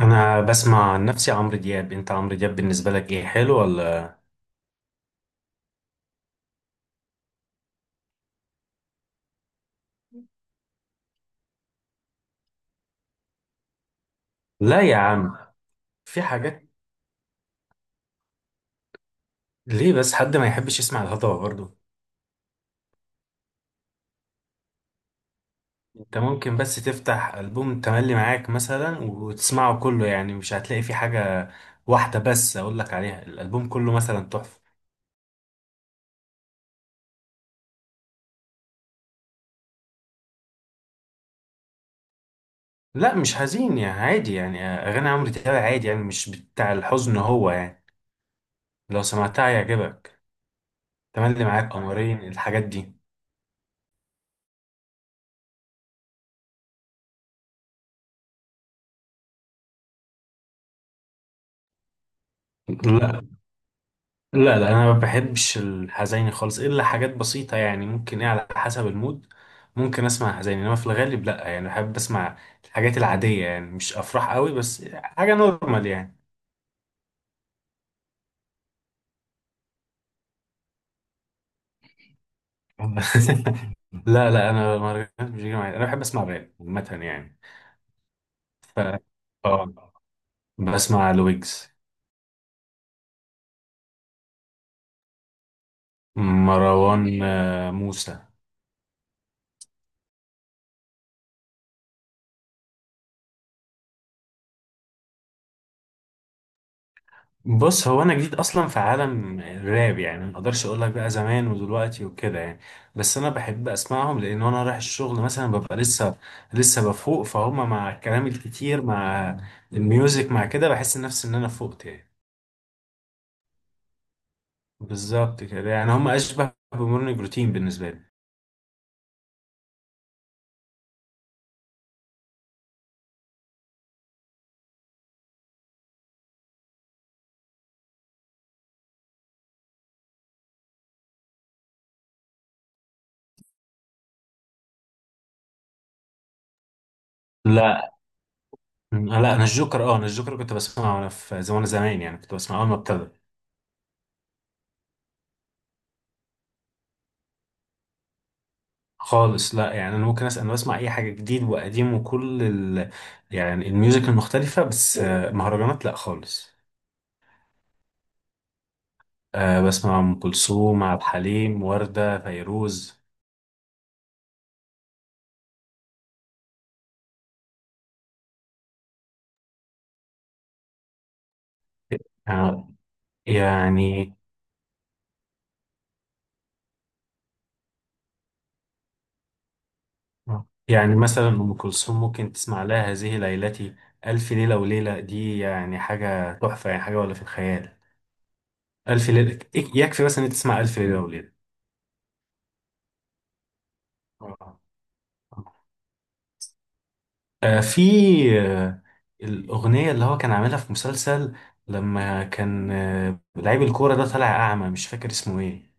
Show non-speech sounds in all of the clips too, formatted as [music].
انا بسمع عن نفسي عمرو دياب. انت عمرو دياب بالنسبه لك ايه، حلو ولا؟ لا يا عم، في حاجات. ليه بس حد ما يحبش يسمع الهضبه برضه؟ انت ممكن بس تفتح البوم تملي معاك مثلا وتسمعه كله، يعني مش هتلاقي فيه حاجه واحده بس اقول لك عليها، الالبوم كله مثلا تحفه. لا، مش حزين يعني، عادي، يعني اغاني عمرو دياب عادي يعني، مش بتاع الحزن هو يعني. لو سمعتها هيعجبك. تملي معاك، قمرين، الحاجات دي. لا لا لا، انا ما بحبش الحزيني خالص، الا حاجات بسيطه يعني، ممكن، ايه، على حسب المود. ممكن اسمع حزيني انما في الغالب لا يعني. بحب اسمع الحاجات العاديه يعني، مش افراح قوي بس حاجه نورمال يعني. [laughs] لا لا، انا مهرجانات مش بيجي معايا. انا بحب اسمع راب عامه يعني. ف اه بسمع لويجز. مروان موسى. بص هو انا جديد اصلا في عالم الراب يعني، ما اقدرش اقول لك بقى زمان ودلوقتي وكده يعني. بس انا بحب اسمعهم، لان وانا رايح الشغل مثلا، ببقى لسه بفوق، فهم مع الكلام الكتير، مع الميوزك، مع كده، بحس نفسي ان انا فقت يعني. بالظبط كده يعني، هم اشبه بمورنينج روتين بالنسبه لي. لا لا، انا الجوكر، اه انا الجوكر كنت بسمعه وانا في زمان زمان يعني، كنت بسمعه اول ما ابتدى. خالص لا يعني، انا ممكن اسال واسمع اي حاجه جديد وقديم وكل يعني الميوزك المختلفه، بس مهرجانات لا خالص. بسمع ام كلثوم، عبد الحليم، ورده، فيروز. آه، يعني يعني مثلا ام كلثوم ممكن تسمع لها هذه ليلتي. الف ليله وليله دي يعني حاجه تحفه، يعني حاجه ولا في الخيال. الف ليله يكفي بس ان أنت تسمع الف ليله وليله. آه. آه، في آه، الأغنية اللي هو كان عاملها في مسلسل، لما كان لعيب الكورة، ده طالع أعمى، مش فاكر اسمه إيه.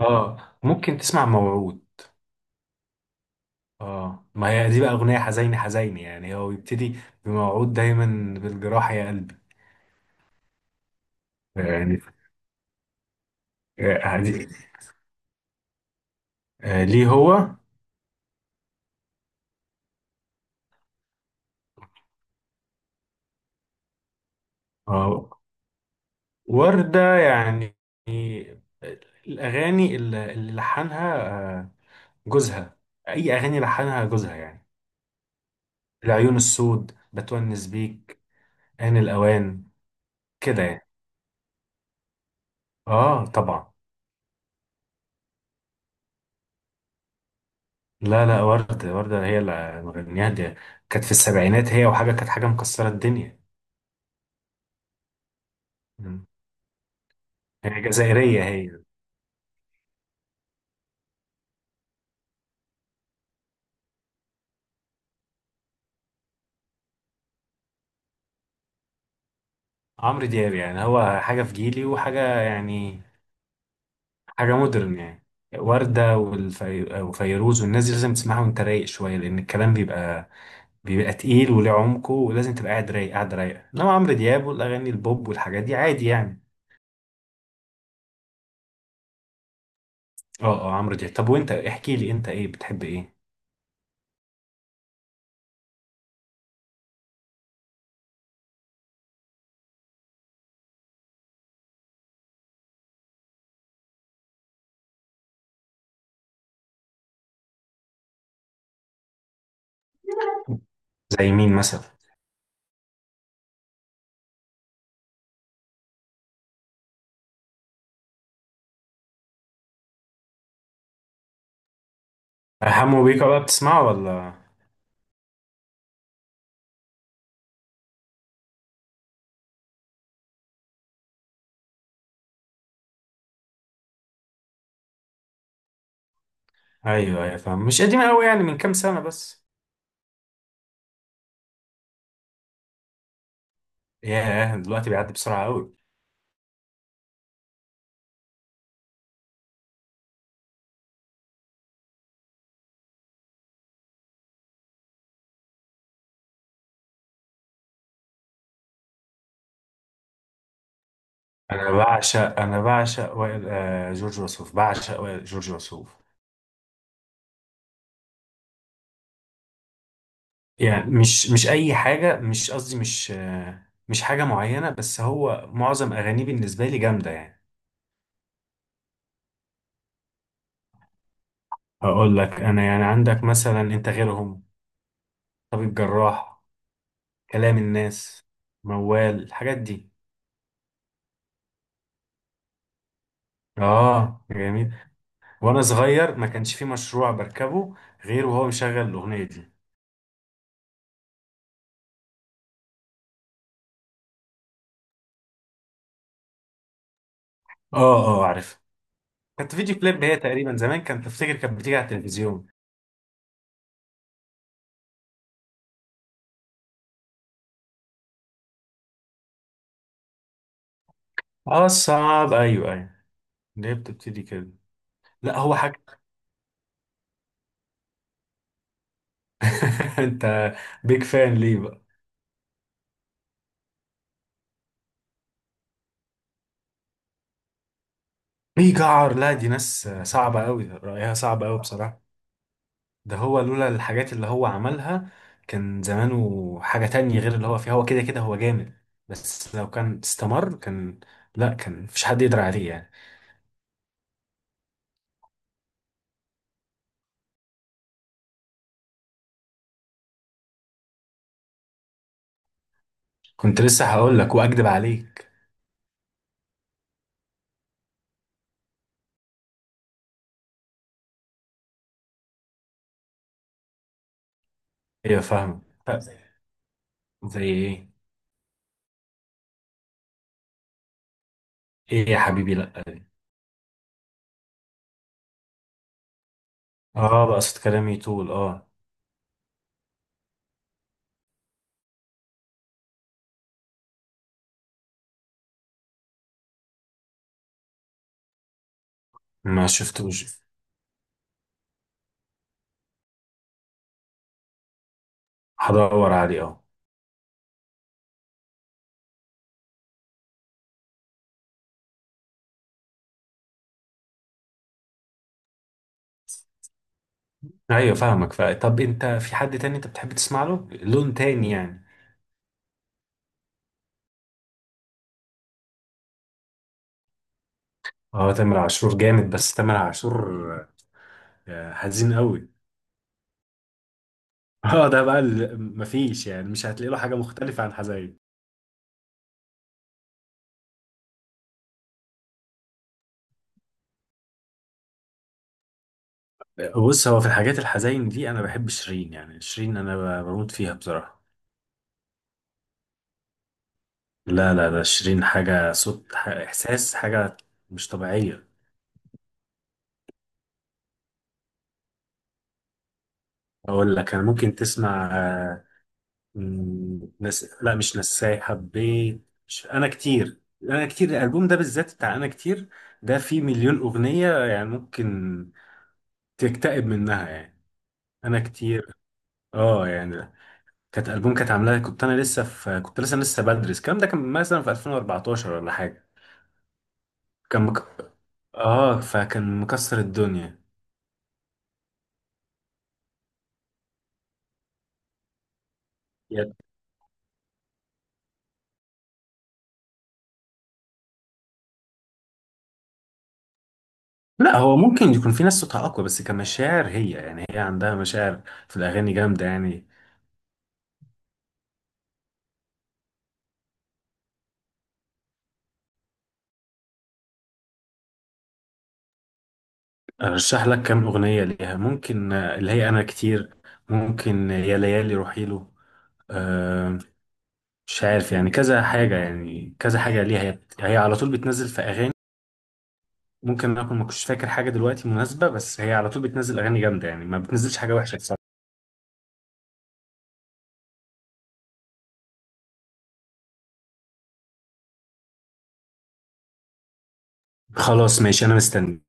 آه، ممكن تسمع موعود. آه، ما هي دي بقى أغنية حزينة حزينة يعني، هو بيبتدي بموعود دايما بالجراح يا قلبي يعني. آه، دي- ليه هو؟ آه، وردة يعني الأغاني اللي لحنها آه، جوزها. أي أغاني لحنها جوزها يعني، العيون السود، بتونس بيك، آن الأوان. كده يعني، اه طبعا. لا لا، وردة وردة هي اللي مغنياها دي، كانت في السبعينات، هي وحاجة، كانت حاجة مكسرة الدنيا. مم. هي جزائرية هي. عمرو دياب يعني هو حاجة في جيلي، وحاجة يعني، حاجة مودرن يعني. وردة وفيروز والناس دي لازم تسمعها وانت رايق شوية، لأن الكلام بيبقى تقيل وليه عمقه، ولازم تبقى قاعد رايق، قاعد رايقة. إنما عمرو دياب والأغاني البوب والحاجات دي عادي يعني. اه اه، عمرو دياب. طب وانت احكي لي انت، ايه بتحب، ايه؟ زي مين مثلا؟ حمو بيكا بقى بتسمعه ولا؟ ايوه ايوه، فاهم. مش قديم قوي يعني، من كام سنه بس. ياه، دلوقتي بيعدي بسرعه قوي. انا بعشق وائل، جورج وسوف، بعشق وائل جورج وسوف. يعني مش اي حاجه، مش قصدي، مش حاجه معينه، بس هو معظم اغانيه بالنسبه لي جامده يعني. هقول لك انا يعني، عندك مثلا انت غيرهم، طبيب جراح، كلام الناس، موال، الحاجات دي. اه جميل. وانا صغير ما كانش في مشروع بركبه غير وهو مشغل الاغنيه دي. اه اه، عارف. كانت فيديو كليب هي تقريبا زمان، كانت، تفتكر، كانت بتيجي على التلفزيون. اه الصعب، ايوه ايوه. ليه بتبتدي كده؟ لا، هو حاجه. [laughs] انت بيج فان ليه بقى؟ في جعر؟ لا، دي ناس صعبه قوي، رايها صعب قوي بصراحه. ده هو لولا الحاجات اللي هو عملها، كان زمانه حاجه تانية غير اللي هو فيها. هو كده كده هو جامد، بس لو كان استمر كان، لا كان مفيش حد يقدر عليه يعني. كنت لسه هقول لك واكدب عليك. ايوه فاهمه. ف- زي ايه؟ ايه يا حبيبي لا دي. اه، بقصد كلامي طول، اه. ما شفتوش. هدور عليه، اه. ايوه فاهمك. طب انت في حد تاني انت بتحب تسمع له لون تاني يعني؟ اه تامر عاشور جامد، بس تامر عاشور حزين قوي. [laughs] اه، ده بقى مفيش يعني، مش هتلاقي له حاجه مختلفه عن حزين. بص هو في الحاجات الحزين دي انا بحب شيرين يعني، شيرين انا بموت فيها بصراحه. لا لا، ده شيرين حاجة، صوت، إحساس، حاجة مش طبيعية. أقول لك أنا، ممكن تسمع لا، مش نساي حبيت، مش... أنا كتير. أنا كتير، الألبوم ده بالذات بتاع أنا كتير، ده فيه مليون أغنية يعني، ممكن تكتئب منها يعني. أنا كتير، أه يعني كانت ألبوم كانت عاملاه، كنت لسه بدرس، الكلام ده كان مثلا في 2014 ولا حاجة. كان مك... أه فكان مكسر الدنيا. لا، هو ممكن يكون في ناس صوتها اقوى، بس كمشاعر هي يعني، هي عندها مشاعر في الاغاني جامده يعني. ارشح لك كام اغنيه ليها؟ ممكن اللي هي انا كتير، ممكن يا ليالي، روحي له. آه، مش عارف يعني، كذا حاجه يعني، كذا حاجه ليها، هي هي على طول بتنزل في اغاني. ممكن اكون ما كنتش فاكر حاجه دلوقتي مناسبه، بس هي على طول بتنزل اغاني جامده يعني، ما بتنزلش حاجه وحشه بصراحه. خلاص ماشي، انا مستني.